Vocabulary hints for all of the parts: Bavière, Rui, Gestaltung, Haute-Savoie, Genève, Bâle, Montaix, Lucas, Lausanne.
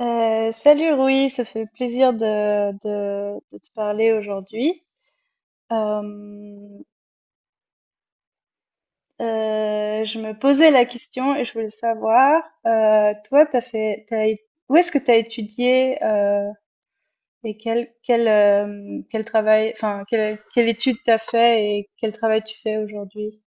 Salut Rui, ça fait plaisir de te parler aujourd'hui. Euh, je me posais la question et je voulais savoir, toi, t'as fait, t'as, é- où est-ce que tu as étudié, et quel travail, enfin, quelle étude t'as fait et quel travail tu fais aujourd'hui?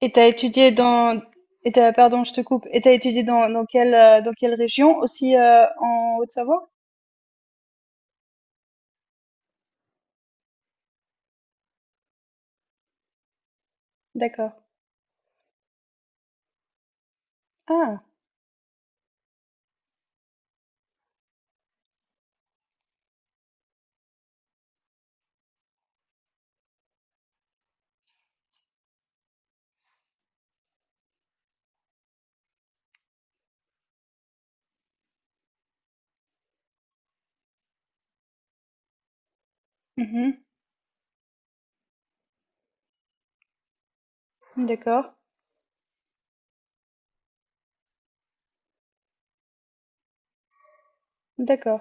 Et t'as étudié dans, et t'as, pardon, je te coupe, et t'as étudié dans quelle région? Aussi, en Haute-Savoie? D'accord. Ah, mhm, d'accord. D'accord.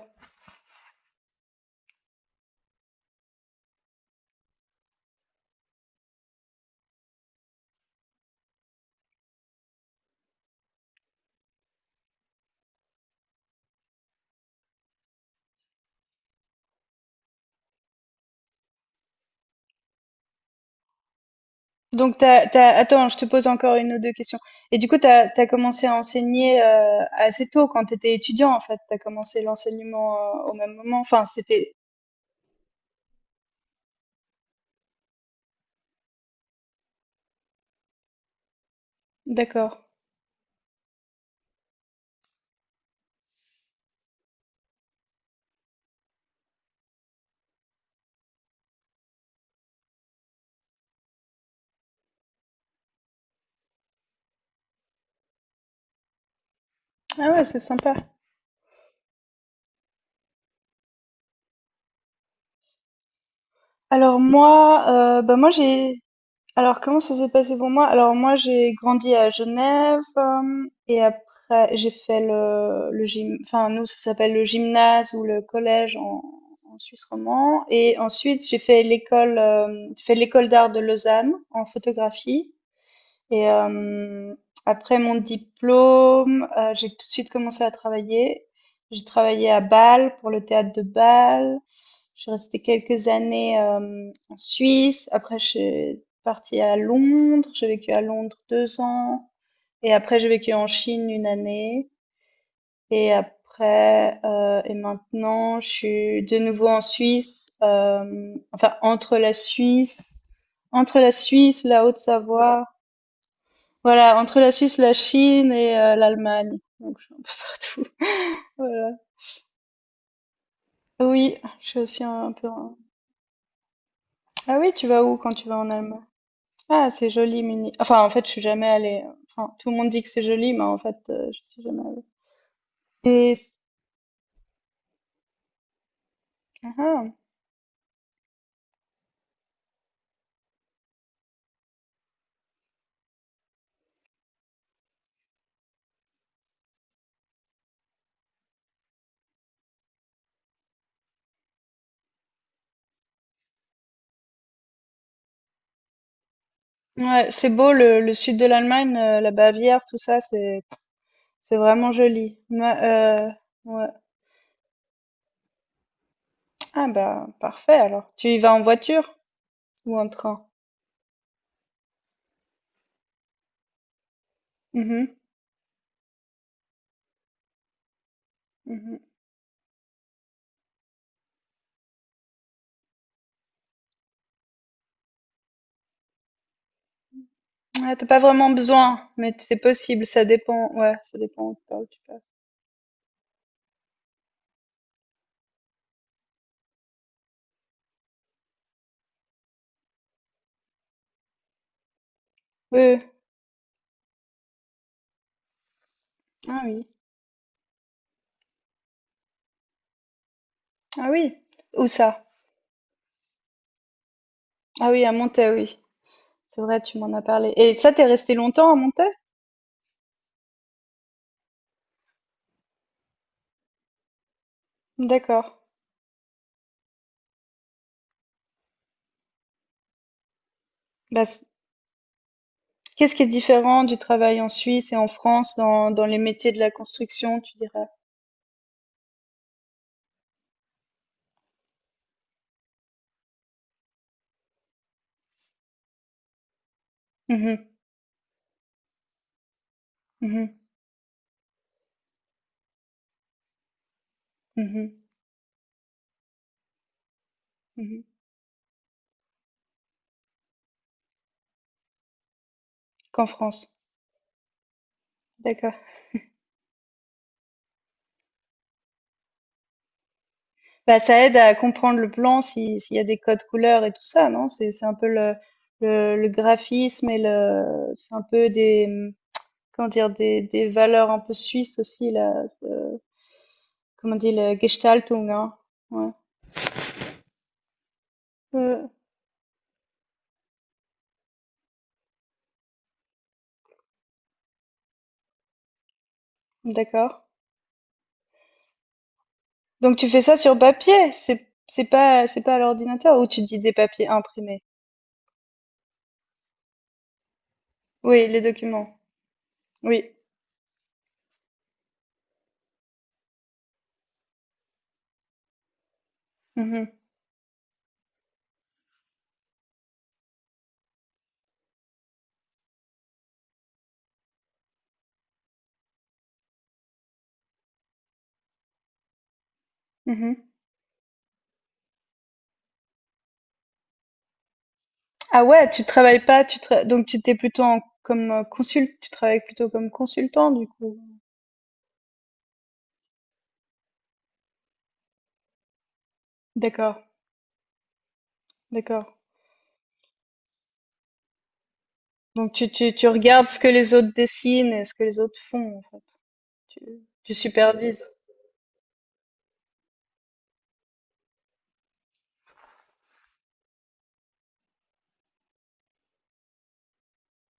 Donc, attends, je te pose encore une ou deux questions. Et du coup, t'as commencé à enseigner, assez tôt, quand t'étais étudiant, en fait. T'as commencé l'enseignement, au même moment. Enfin, c'était... D'accord. Ah ouais, c'est sympa. Alors moi, bah moi j'ai... Alors, comment ça s'est passé pour moi? Alors, moi, j'ai grandi à Genève, et après, j'ai fait le gym, enfin, nous, ça s'appelle le gymnase ou le collège en, en Suisse romand. Et ensuite, j'ai fait l'école d'art de Lausanne en photographie. Et après mon diplôme, j'ai tout de suite commencé à travailler. J'ai travaillé à Bâle pour le théâtre de Bâle. Je suis restée quelques années, en Suisse. Après, je suis partie à Londres. J'ai vécu à Londres deux ans. Et après, j'ai vécu en Chine une année. Et après, et maintenant, je suis de nouveau en Suisse. Enfin, la Haute-Savoie... voilà, entre la Suisse, la Chine et l'Allemagne, donc je suis un peu partout, voilà. Oui, je suis aussi un peu un... ah oui, tu vas où quand tu vas en Allemagne? Ah, c'est joli Munich. Enfin, en fait, je suis jamais allée, enfin, tout le monde dit que c'est joli, mais en fait, je suis jamais allée et c... ah ah. Ouais, c'est beau le sud de l'Allemagne, la Bavière, tout ça, c'est vraiment joli. Moi, ouais. Ah bah, parfait alors. Tu y vas en voiture ou en train? Mmh mh. Mmh. Ouais, t'as pas vraiment besoin, mais c'est possible, ça dépend. Ouais, ça dépend par où tu passes. Oui, oui. Ah oui. Ah oui. Où ça? Ah oui, à Montaix, oui. C'est vrai, tu m'en as parlé. Et ça, t'es resté longtemps à Montaix? D'accord. Bah, c- Qu'est-ce qui est différent du travail en Suisse et en France dans, dans les métiers de la construction, tu dirais? Mhm, mhm, mhm, mhm. Mhm. Qu'en France. D'accord. Bah, ça aide à comprendre le plan si s'il y a des codes couleurs et tout ça, non? C'est un peu le le graphisme et le... c'est un peu des comment dire, des valeurs un peu suisses aussi là. Euh, comment on dit le Gestaltung, hein? Ouais. Euh, d'accord. Donc tu fais ça sur papier, c'est pas à l'ordinateur ou tu dis des papiers imprimés. Oui, les documents. Oui. Mhm, mhm. Ah ouais, tu travailles pas, tu tra- donc tu t'es plutôt en- comme consul, tu travailles plutôt comme consultant du coup. D'accord, d'accord. Donc tu regardes ce que les autres dessinent et ce que les autres font, en fait. Tu, tu supervises.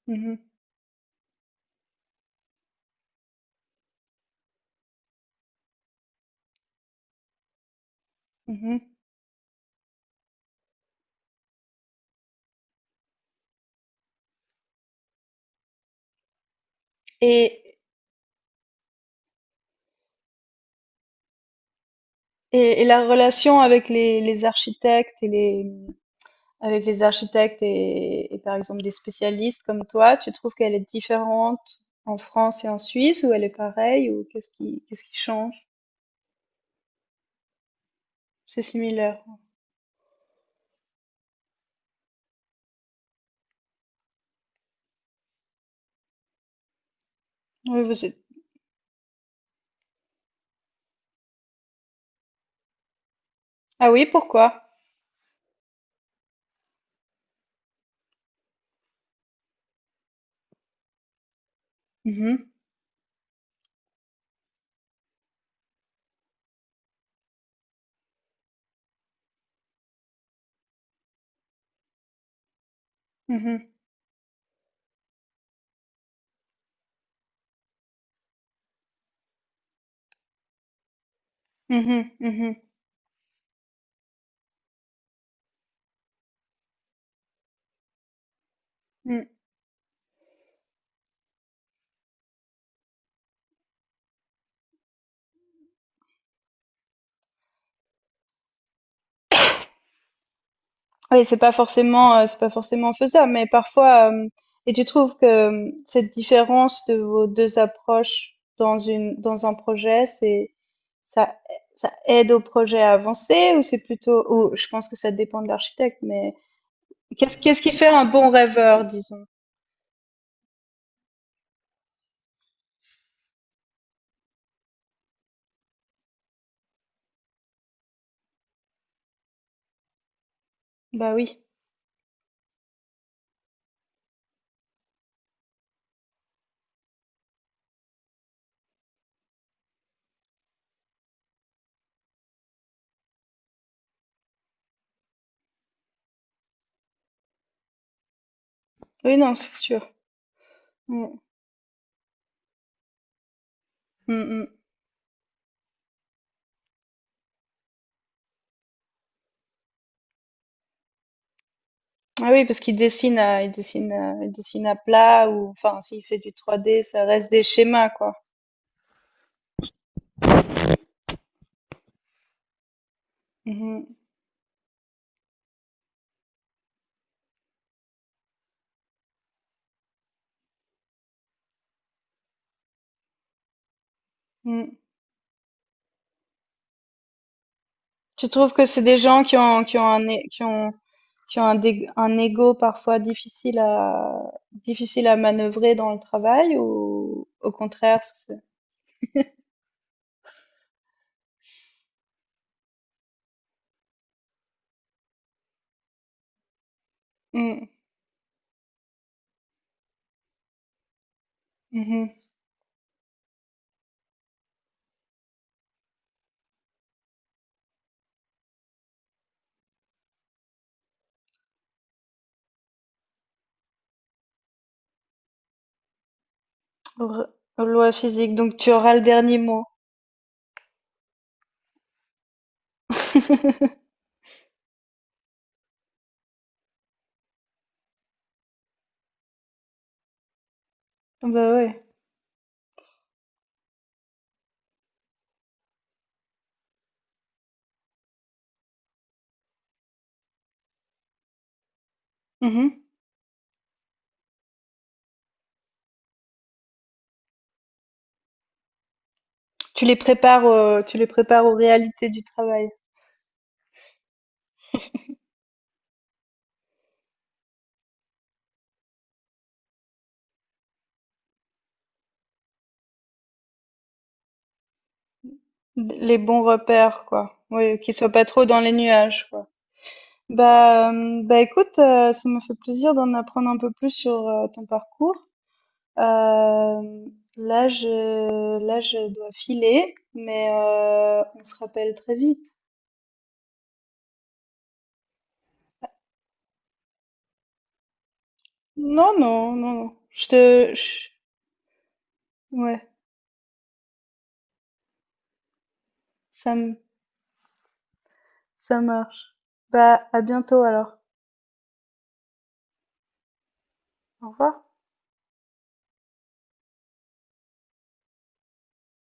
Mhm, mhm. Et, et la relation avec les architectes et les, avec les architectes et par exemple des spécialistes comme toi, tu trouves qu'elle est différente en France et en Suisse ou elle est pareille ou qu'est-ce qui change? C'est similaire. Oui, vous êtes- ah oui, pourquoi? Mhm, mhm, mhm, mhm, mhm. Oui, c'est pas forcément faisable, mais parfois. Et tu trouves que cette différence de vos deux approches dans un projet, c'est, ça, ça aide au projet à avancer ou c'est plutôt, ou je pense que ça dépend de l'architecte, mais qu'est-ce qui fait un bon rêveur, disons? Bah oui, oui, non, c'est sûr. Mm, mm, mm. Ah oui, parce qu'il dessine à, il dessine à plat ou, enfin, s'il fait du 3D, ça reste des schémas, quoi. Mhm, mm. Tu trouves que c'est des gens qui ont un, dé- un ego parfois difficile à, difficile à manœuvrer dans le travail ou au contraire, c'est- mm, mhm. Re- loi physique, donc tu auras le dernier mot. Bah ouais. Mhm. Tu les prépares aux réalités du travail. D- Les bons repères, quoi. Oui, qu'ils soient pas trop dans les nuages, quoi. Bah écoute, ça me fait plaisir d'en apprendre un peu plus sur ton parcours. Euh, là, je dois filer, mais on se rappelle très vite. Non, non, non, non. Je te, je- ouais, ça me, ça marche. Bah, à bientôt alors. Au revoir.